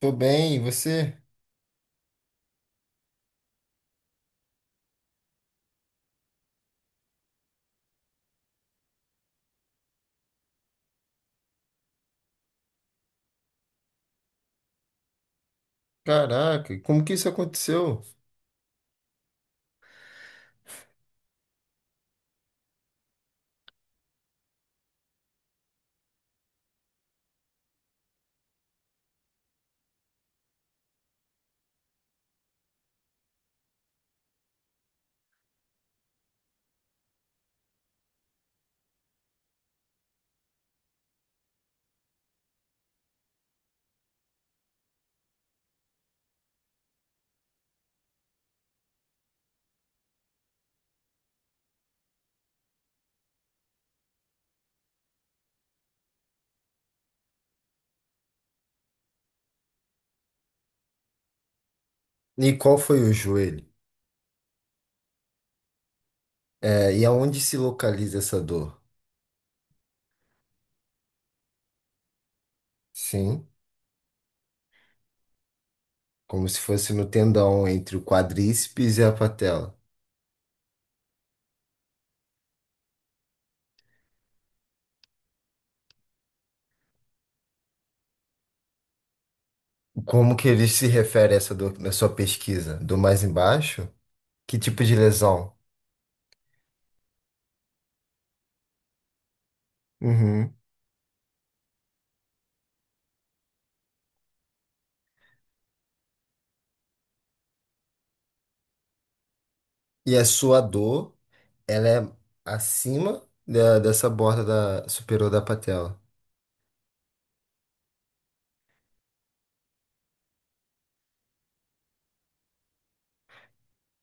Tô bem, e você? Caraca, como que isso aconteceu? E qual foi o joelho? É, e aonde se localiza essa dor? Sim, como se fosse no tendão entre o quadríceps e a patela. Como que ele se refere a essa dor na sua pesquisa? Dor mais embaixo? Que tipo de lesão? Uhum. E a sua dor, ela é dessa superior da patela?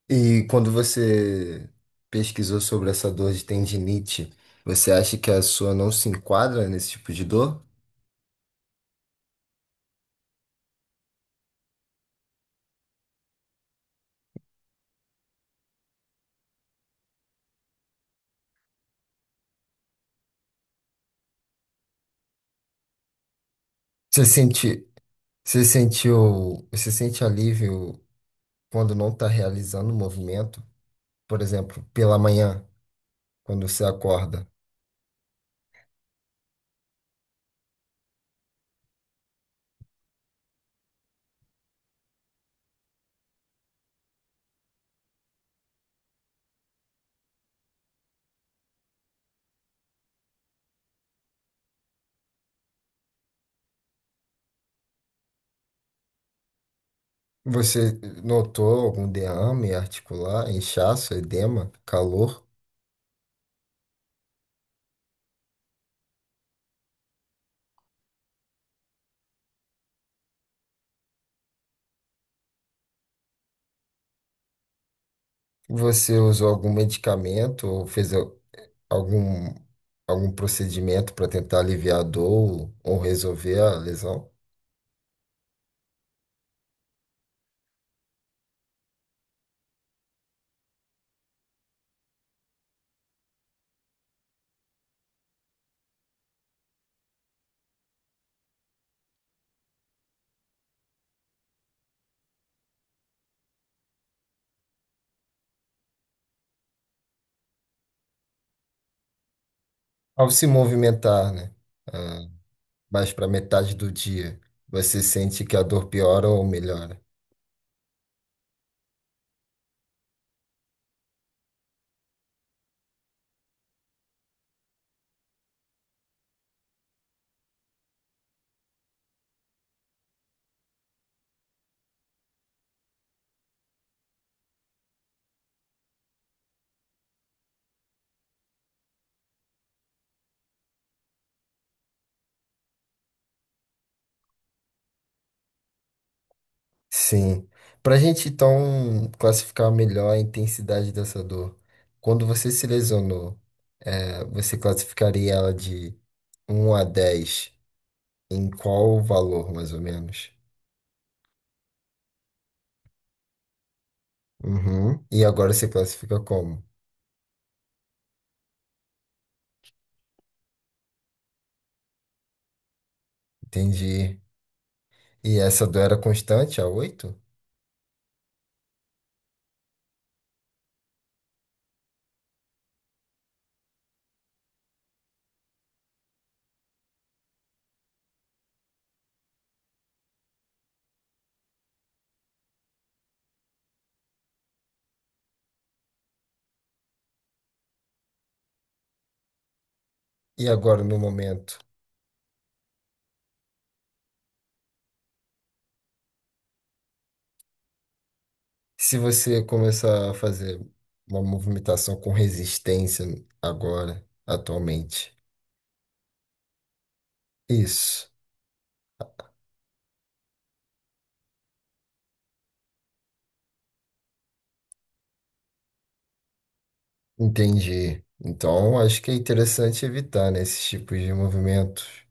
E quando você pesquisou sobre essa dor de tendinite, você acha que a sua não se enquadra nesse tipo de dor? Você sente, você sente alívio quando não está realizando o movimento? Por exemplo, pela manhã, quando você acorda, você notou algum derrame articular, inchaço, edema, calor? Você usou algum medicamento ou fez algum, algum procedimento para tentar aliviar a dor ou resolver a lesão? Ao se movimentar, né? ah, mais para metade do dia, você sente que a dor piora ou melhora? Sim. Para a gente então classificar melhor a intensidade dessa dor, quando você se lesionou, você classificaria ela de 1 a 10 em qual valor, mais ou menos? Uhum. E agora você classifica como? Entendi. E essa dor era constante, a 8? E agora, no momento, se você começar a fazer uma movimentação com resistência agora, atualmente. Isso, entendi. Então, acho que é interessante evitar, né, esses tipos de movimentos.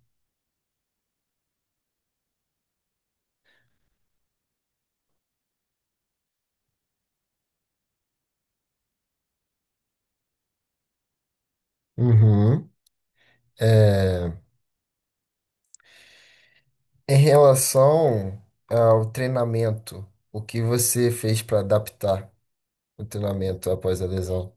Uhum. É, em relação ao treinamento, o que você fez para adaptar o treinamento após a lesão?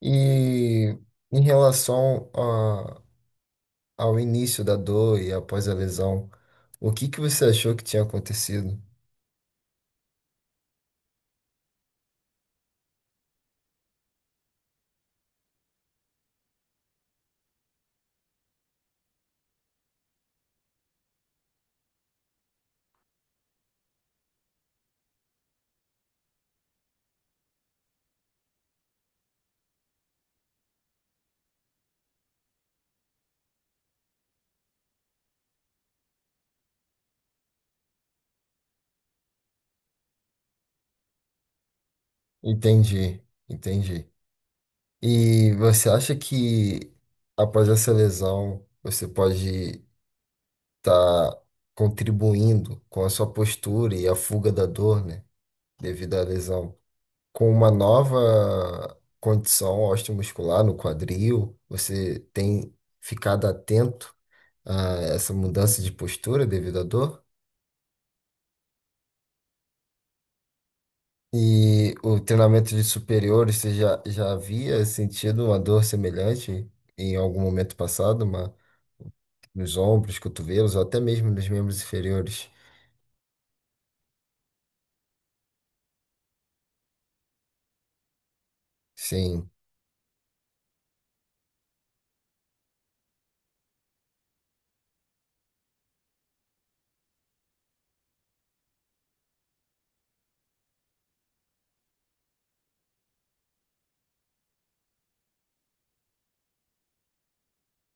E em relação ao início da dor e após a lesão, o que que você achou que tinha acontecido? Entendi, entendi. E você acha que após essa lesão você pode estar contribuindo com a sua postura e a fuga da dor, né, devido à lesão, com uma nova condição osteomuscular no quadril? Você tem ficado atento a essa mudança de postura devido à dor? E o treinamento de superiores, você já, havia sentido uma dor semelhante em algum momento passado, uma, nos ombros, cotovelos, ou até mesmo nos membros inferiores? Sim.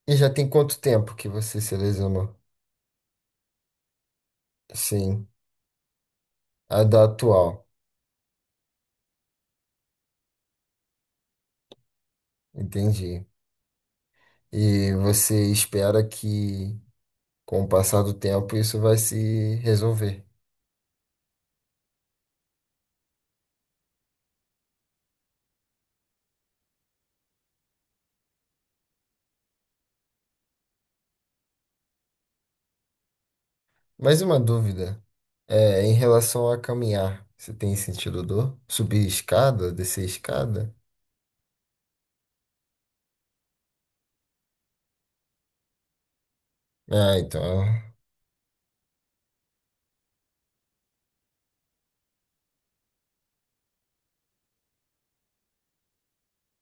E já tem quanto tempo que você se lesionou? Sim, a da atual, entendi. E você espera que, com o passar do tempo, isso vai se resolver. Mais uma dúvida. É, em relação a caminhar, você tem sentido dor? Subir escada, descer escada? Ah, então,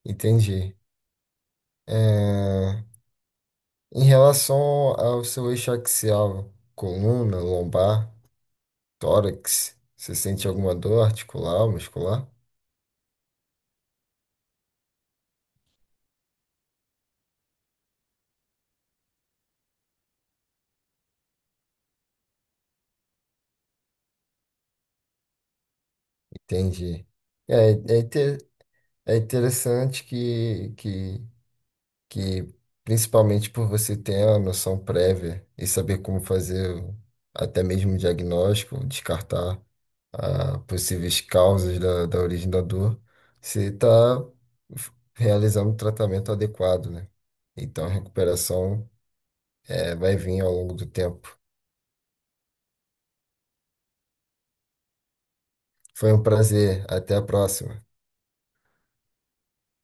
entendi. É, em relação ao seu eixo axial, coluna, lombar, tórax, você sente alguma dor articular, muscular? Entendi. É, é, inte- é interessante que, principalmente por você ter a noção prévia e saber como fazer até mesmo o diagnóstico, descartar a possíveis causas da origem da dor, você está realizando um tratamento adequado, né? Então a recuperação vai vir ao longo do tempo. Foi um prazer. Até a próxima.